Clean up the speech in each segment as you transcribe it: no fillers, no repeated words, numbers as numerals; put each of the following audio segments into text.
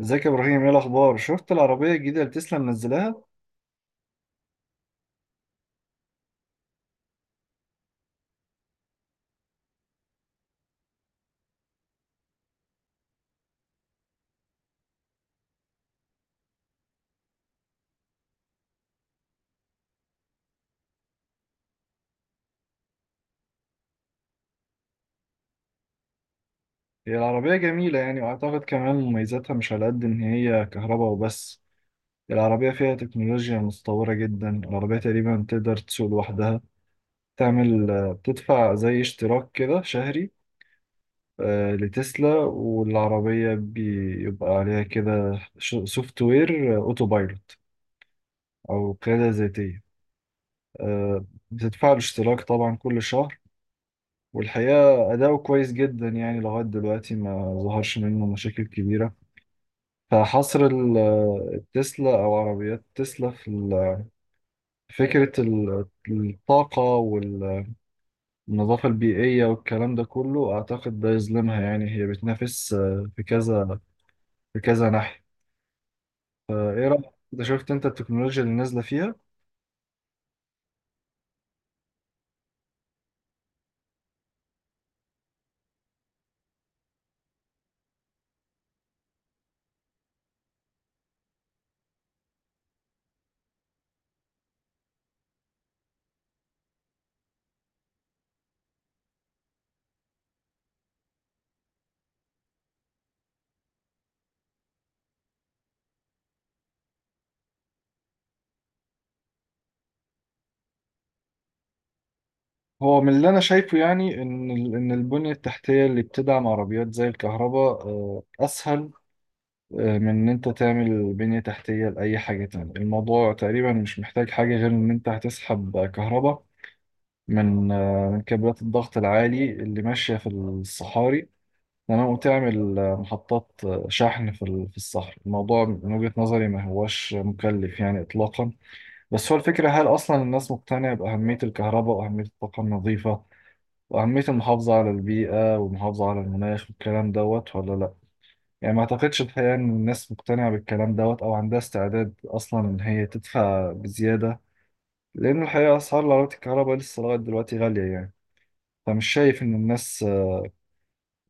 ازيك يا ابراهيم؟ ايه الاخبار؟ شفت العربيه الجديده اللي تسلا منزلاها؟ هي العربيه جميله يعني، واعتقد كمان مميزاتها مش على قد ان هي كهرباء وبس. العربيه فيها تكنولوجيا متطوره جدا، العربيه تقريبا تقدر تسوق لوحدها. تعمل بتدفع زي اشتراك كده شهري لتسلا، والعربيه بيبقى عليها كده سوفت وير اوتو بايلوت او قياده ذاتيه. آه، بتدفع له اشتراك طبعا كل شهر، والحقيقة أداؤه كويس جدا يعني، لغاية دلوقتي ما ظهرش منه مشاكل كبيرة. فحصر ال- التسلا أو عربيات تسلا في فكرة الطاقة والنظافة البيئية والكلام ده كله، أعتقد ده يظلمها، يعني هي بتنافس في كذا ناحية. فإيه رأيك؟ أنت شفت أنت التكنولوجيا اللي نازلة فيها؟ هو من اللي أنا شايفه يعني، إن البنية التحتية اللي بتدعم عربيات زي الكهرباء أسهل من ان انت تعمل بنية تحتية لأي حاجة تانية. الموضوع تقريبا مش محتاج حاجة غير ان انت هتسحب كهرباء من من كابلات الضغط العالي اللي ماشية في الصحاري، تمام، وتعمل محطات شحن في الصحراء. الموضوع من وجهة نظري ما هوش مكلف يعني إطلاقا. بس هو الفكرة، هل أصلا الناس مقتنعة بأهمية الكهرباء وأهمية الطاقة النظيفة وأهمية المحافظة على البيئة والمحافظة على المناخ والكلام دوت ولا لأ؟ يعني ما اعتقدش الحقيقة ان الناس مقتنعة بالكلام دوت، او عندها استعداد اصلا ان هي تدفع بزيادة، لان الحقيقة اسعار العربيات الكهرباء لسه لغاية دلوقتي غالية يعني. فمش شايف ان الناس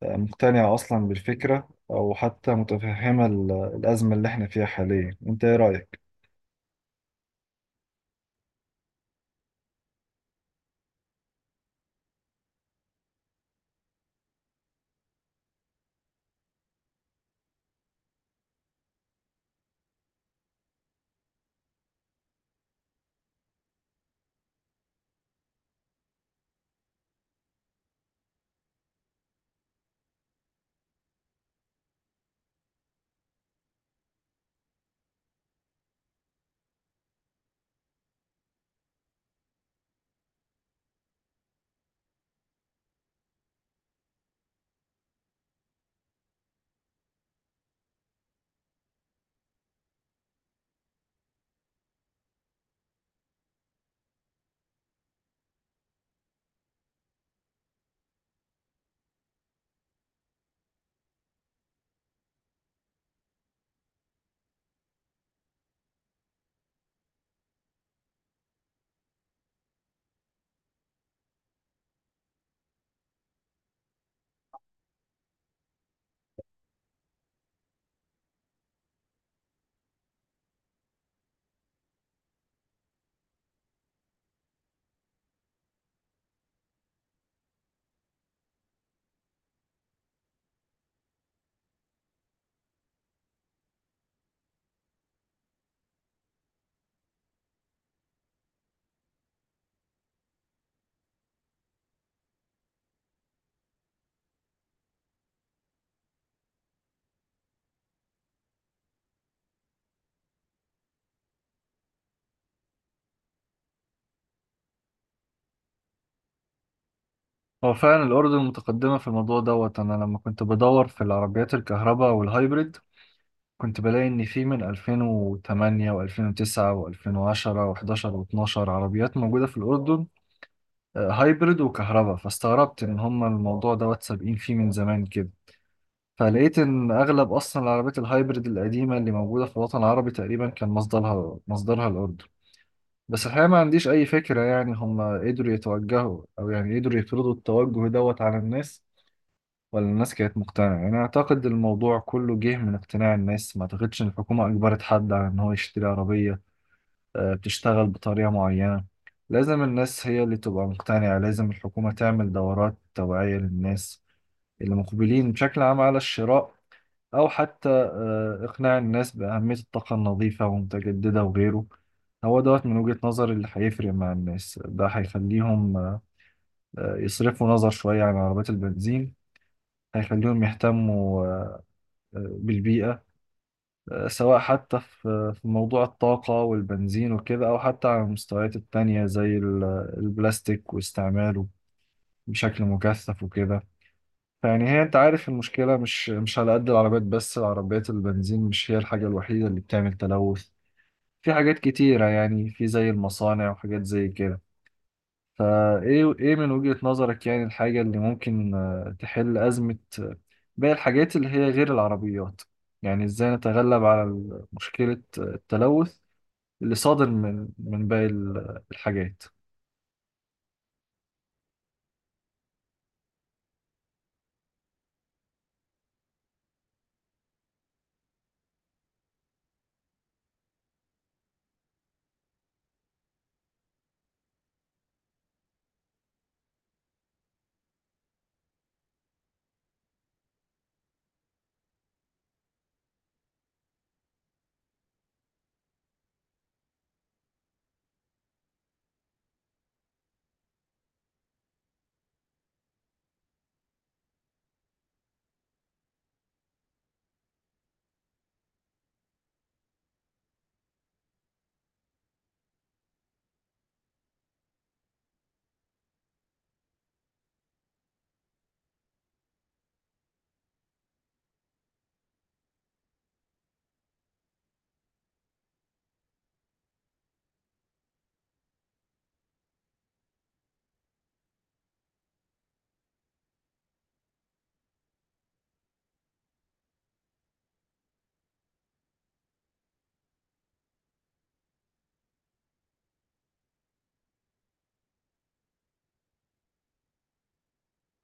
مقتنعة اصلا بالفكرة، او حتى متفهمة الازمة اللي احنا فيها حاليا. انت ايه رأيك؟ هو فعلا الأردن متقدمة في الموضوع دوت. أنا لما كنت بدور في العربيات الكهرباء والهايبريد، كنت بلاقي إن في من 2008 و2009 و2010 و11 و12 عربيات موجودة في الأردن، هايبرد وكهرباء. فاستغربت ان هما الموضوع دوت سابقين فيه من زمان كده. فلقيت ان اغلب اصلا العربيات الهايبرد القديمه اللي موجوده في الوطن العربي تقريبا كان مصدرها الاردن. بس الحقيقه ما عنديش اي فكره يعني، هما قدروا يتوجهوا، او يعني قدروا يفرضوا التوجه دوت على الناس، ولا الناس كانت مقتنعه؟ يعني اعتقد الموضوع كله جه من اقتناع الناس. ما اعتقدش ان الحكومه اجبرت حد على ان هو يشتري عربيه بتشتغل بطريقة معينة. لازم الناس هي اللي تبقى مقتنعة، لازم الحكومة تعمل دورات توعية للناس اللي مقبلين بشكل عام على الشراء، أو حتى إقناع الناس بأهمية الطاقة النظيفة ومتجددة وغيره. هو دوت من وجهة نظري اللي هيفرق مع الناس، ده هيخليهم يصرفوا نظر شوية عن عربيات البنزين، هيخليهم يهتموا بالبيئة، سواء حتى في موضوع الطاقة والبنزين وكده، أو حتى على المستويات التانية زي البلاستيك واستعماله بشكل مكثف وكده. فيعني هي أنت عارف المشكلة مش على قد العربيات بس، العربيات البنزين مش هي الحاجة الوحيدة اللي بتعمل تلوث، في حاجات كتيرة يعني، في زي المصانع وحاجات زي كده. فإيه إيه إيه من وجهة نظرك يعني الحاجة اللي ممكن تحل أزمة باقي الحاجات اللي هي غير العربيات؟ يعني إزاي نتغلب على مشكلة التلوث اللي صادر من باقي الحاجات؟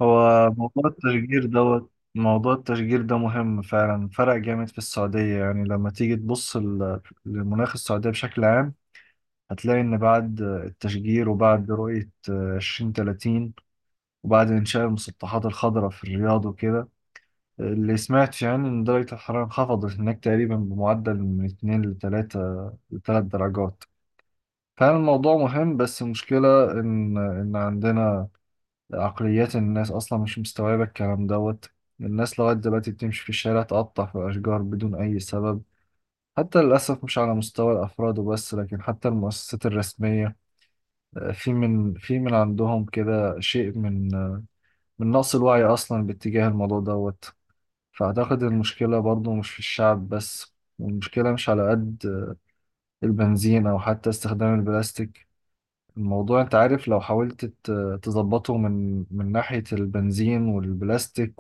هو موضوع التشجير دوت، موضوع التشجير ده مهم فعلا، فرق جامد في السعودية. يعني لما تيجي تبص للمناخ السعودية بشكل عام، هتلاقي إن بعد التشجير وبعد رؤية 2030 وبعد إنشاء المسطحات الخضراء في الرياض وكده، اللي سمعت يعني إن درجة الحرارة انخفضت هناك تقريبا بمعدل من 2 ل 3 درجات. فعلا الموضوع مهم، بس المشكلة إن عندنا عقليات الناس أصلا مش مستوعبة الكلام دوت. الناس لغاية دلوقتي بتمشي في الشارع تقطع في الأشجار بدون أي سبب، حتى للأسف مش على مستوى الأفراد وبس، لكن حتى المؤسسات الرسمية في من عندهم كده شيء من من نقص الوعي أصلا باتجاه الموضوع دوت. فأعتقد المشكلة برضو مش في الشعب بس، والمشكلة مش على قد البنزين أو حتى استخدام البلاستيك. الموضوع أنت عارف، لو حاولت تظبطه من ناحية البنزين والبلاستيك،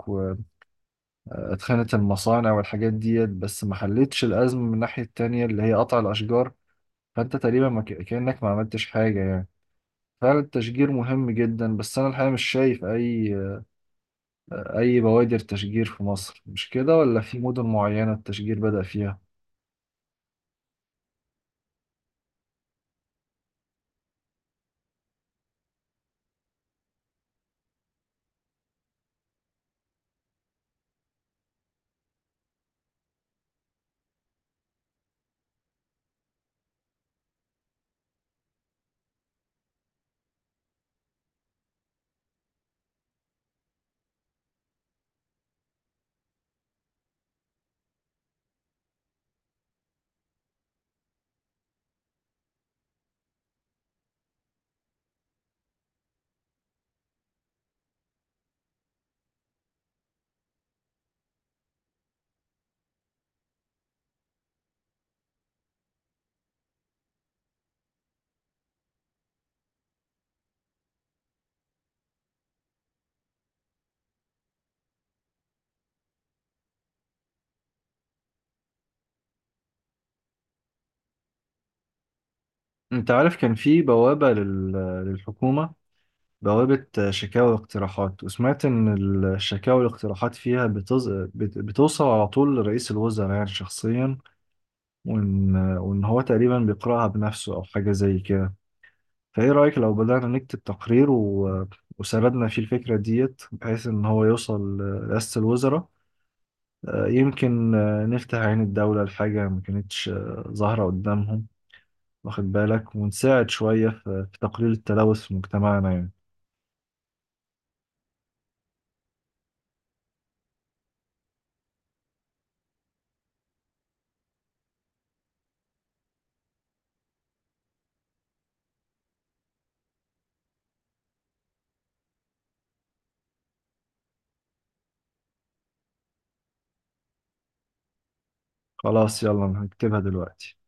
اتخانت المصانع والحاجات ديت، بس ما حلتش الأزمة من الناحية التانية اللي هي قطع الأشجار. فأنت تقريبا ما كأنك ما عملتش حاجة يعني. فعلا التشجير مهم جدا، بس أنا الحقيقة مش شايف أي بوادر تشجير في مصر. مش كده؟ ولا في مدن معينة التشجير بدأ فيها؟ أنت عارف كان في للحكومة، بوابة شكاوى واقتراحات، وسمعت إن الشكاوى والاقتراحات فيها بتوصل على طول لرئيس الوزراء يعني شخصيا، وإن هو تقريبا بيقرأها بنفسه أو حاجة زي كده. فإيه رأيك لو بدأنا نكتب تقرير وسردنا فيه الفكرة ديت، بحيث إن هو يوصل لرئاسة الوزراء، يمكن نفتح عين الدولة لحاجة ما كانتش ظاهرة قدامهم، واخد بالك، ونساعد شوية في تقليل التلوث في مجتمعنا يعني. خلاص، يلا، أنا هكتبها دلوقتي.